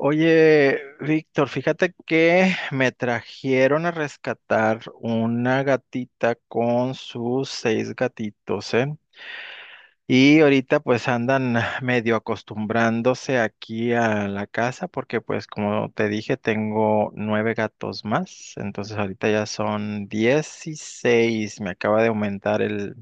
Oye, Víctor, fíjate que me trajeron a rescatar una gatita con sus 6 gatitos, ¿eh? Y ahorita pues andan medio acostumbrándose aquí a la casa porque pues como te dije tengo 9 gatos más, entonces ahorita ya son 16, me acaba de aumentar el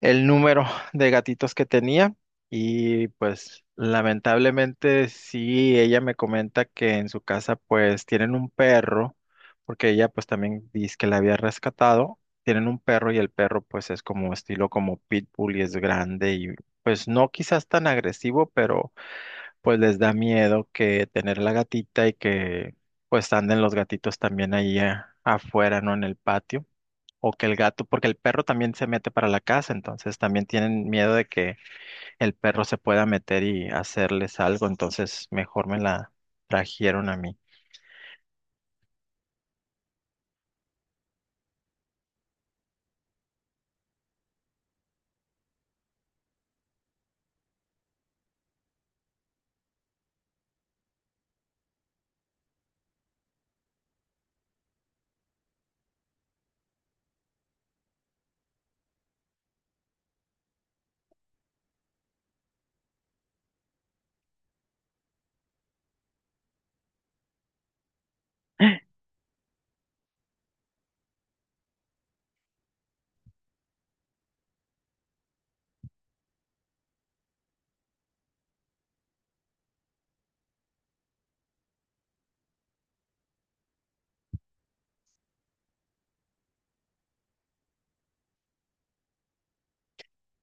el número de gatitos que tenía. Y pues lamentablemente sí, ella me comenta que en su casa pues tienen un perro, porque ella pues también dice que la había rescatado, tienen un perro y el perro pues es como estilo como pitbull y es grande, y pues no quizás tan agresivo, pero pues les da miedo que tener la gatita y que pues anden los gatitos también ahí afuera, ¿no? En el patio, o que el gato, porque el perro también se mete para la casa, entonces también tienen miedo de que el perro se pueda meter y hacerles algo, entonces mejor me la trajeron a mí.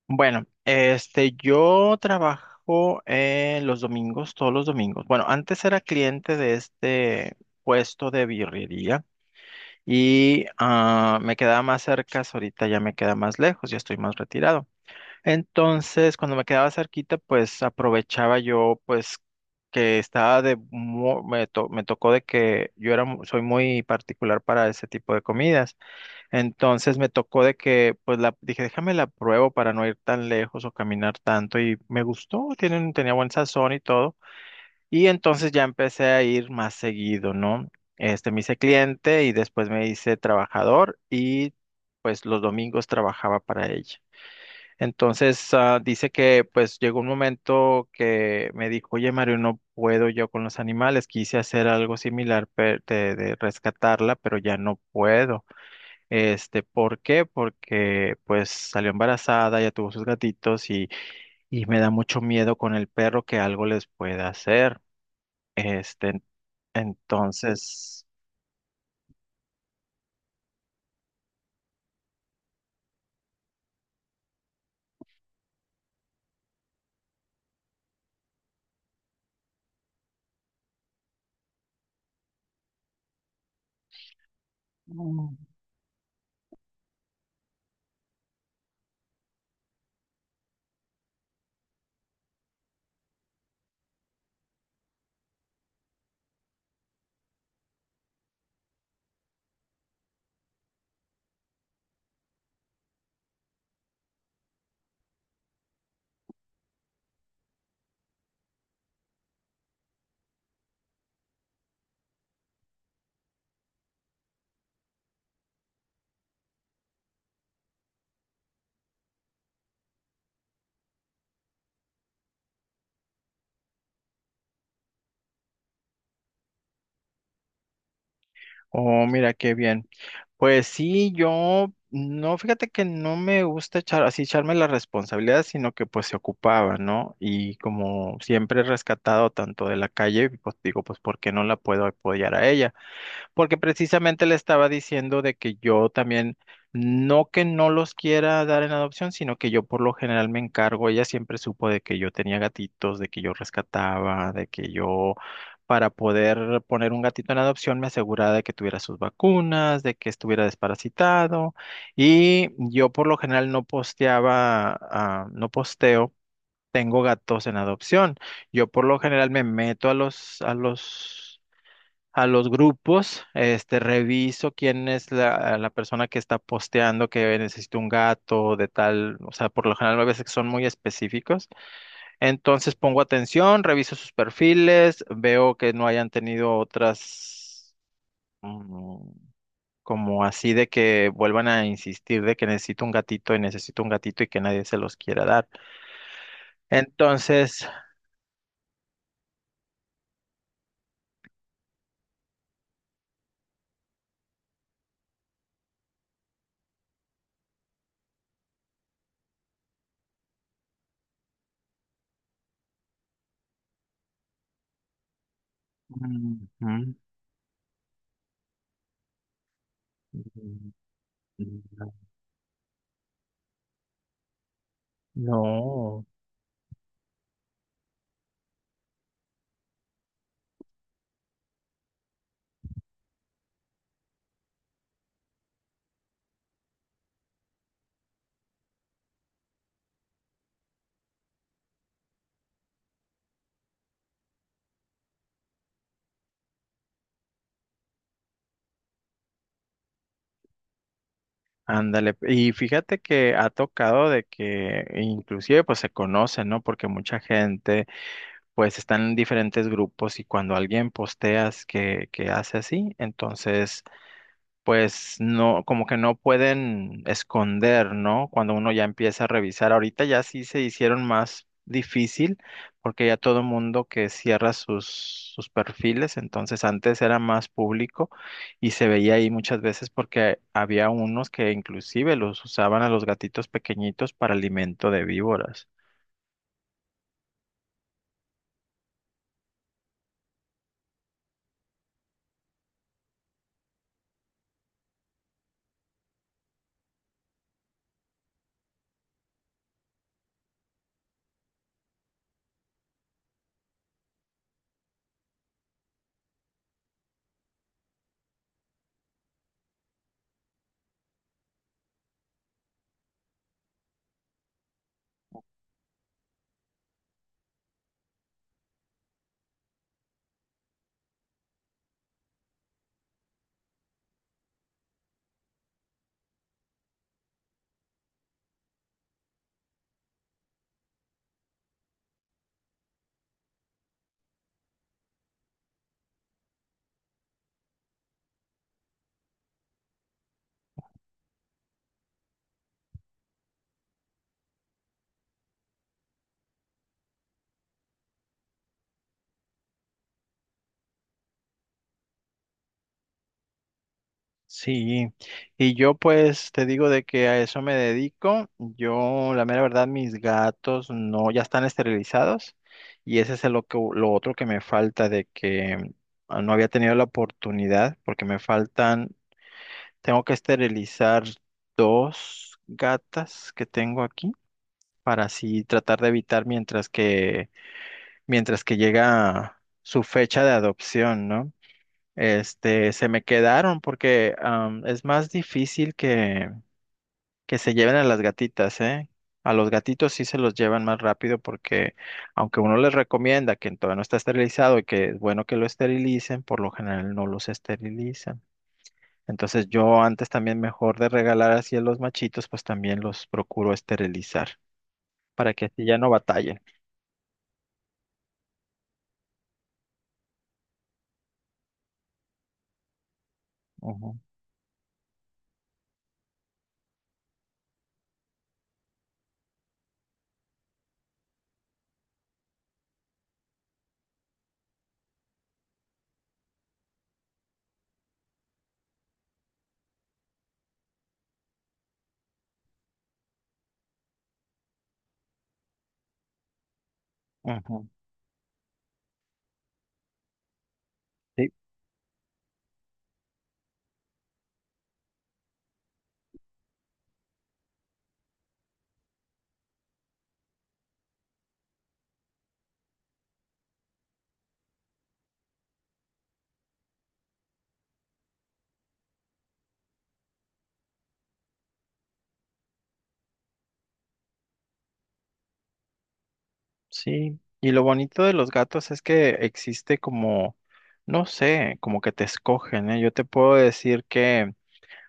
Bueno, este, yo trabajo los domingos, todos los domingos. Bueno, antes era cliente de este puesto de birrería y me quedaba más cerca, ahorita ya me queda más lejos, ya estoy más retirado. Entonces, cuando me quedaba cerquita, pues aprovechaba yo, pues que estaba de, me tocó de que yo era, soy muy particular para ese tipo de comidas. Entonces me tocó de que, pues la, dije, déjame la pruebo para no ir tan lejos o caminar tanto y me gustó, tienen, tenía buen sazón y todo. Y entonces ya empecé a ir más seguido, ¿no? Este, me hice cliente y después me hice trabajador, y pues los domingos trabajaba para ella. Entonces, dice que pues llegó un momento que me dijo, oye Mario, no puedo yo con los animales, quise hacer algo similar de, rescatarla, pero ya no puedo. Este, ¿por qué? Porque pues salió embarazada, ya tuvo sus gatitos y me da mucho miedo con el perro que algo les pueda hacer. Este, entonces... Oh, mira qué bien. Pues sí, yo no, fíjate que no me gusta echar así echarme la responsabilidad, sino que pues se ocupaba, ¿no? Y como siempre he rescatado tanto de la calle, pues digo, pues ¿por qué no la puedo apoyar a ella? Porque precisamente le estaba diciendo de que yo también, no que no los quiera dar en adopción, sino que yo por lo general me encargo. Ella siempre supo de que yo tenía gatitos, de que yo rescataba, de que yo para poder poner un gatito en adopción me aseguraba de que tuviera sus vacunas, de que estuviera desparasitado. Y yo por lo general no posteaba, no posteo, tengo gatos en adopción. Yo por lo general me meto a los, a los grupos, este, reviso quién es la, la persona que está posteando que necesito un gato de tal, o sea, por lo general a veces son muy específicos. Entonces pongo atención, reviso sus perfiles, veo que no hayan tenido otras, mm, como así de que vuelvan a insistir de que necesito un gatito y necesito un gatito y que nadie se los quiera dar. Entonces, mm, mm, mm, mm, no. Ándale, y fíjate que ha tocado de que inclusive pues se conocen, ¿no? Porque mucha gente pues está en diferentes grupos y cuando alguien posteas que hace así, entonces pues no, como que no pueden esconder, ¿no? Cuando uno ya empieza a revisar, ahorita ya sí se hicieron más difícil porque ya todo mundo que cierra sus, sus perfiles, entonces antes era más público y se veía ahí muchas veces porque había unos que inclusive los usaban a los gatitos pequeñitos para alimento de víboras. Sí, y yo pues te digo de que a eso me dedico. Yo, la mera verdad, mis gatos no, ya están esterilizados, y ese es el lo que, lo otro que me falta de que no había tenido la oportunidad porque me faltan, tengo que esterilizar 2 gatas que tengo aquí para así tratar de evitar mientras que llega su fecha de adopción, ¿no? Este, se me quedaron porque es más difícil que se lleven a las gatitas, ¿eh? A los gatitos sí se los llevan más rápido porque aunque uno les recomienda que todavía no está esterilizado y que es bueno que lo esterilicen, por lo general no los esterilizan. Entonces yo antes también mejor de regalar así a los machitos, pues también los procuro esterilizar para que así ya no batallen. Ujú, ujú. Sí, sí, y lo bonito de los gatos es que existe como, no sé, como que te escogen, ¿eh? Yo te puedo decir que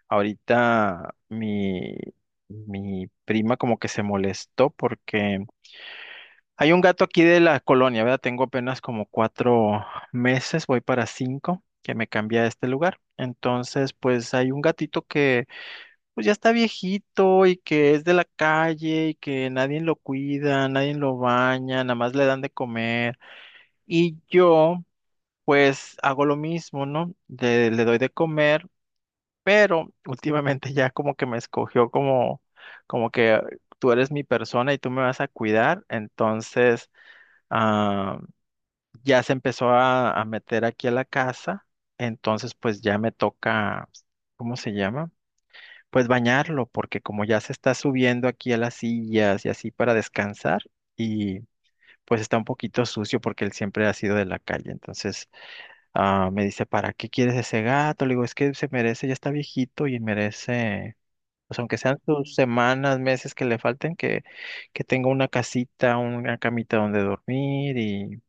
ahorita mi, mi prima como que se molestó porque hay un gato aquí de la colonia, ¿verdad? Tengo apenas como 4 meses, voy para 5, que me cambié a este lugar. Entonces, pues hay un gatito que pues ya está viejito y que es de la calle y que nadie lo cuida, nadie lo baña, nada más le dan de comer. Y yo, pues, hago lo mismo, ¿no? Le doy de comer, pero últimamente ya como que me escogió como, como que tú eres mi persona y tú me vas a cuidar. Entonces, ah, ya se empezó a meter aquí a la casa. Entonces, pues ya me toca, ¿cómo se llama? Pues bañarlo, porque como ya se está subiendo aquí a las sillas y así para descansar, y pues está un poquito sucio porque él siempre ha sido de la calle. Entonces, ah, me dice, ¿para qué quieres ese gato? Le digo, es que se merece, ya está viejito y merece, pues aunque sean sus semanas, meses que le falten, que tenga una casita, una camita donde dormir,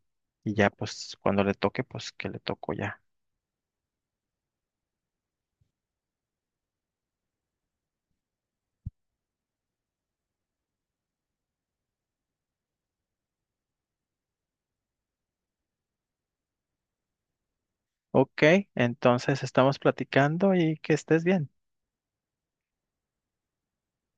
y ya, pues cuando le toque, pues que le toco ya. Ok, entonces estamos platicando y que estés bien.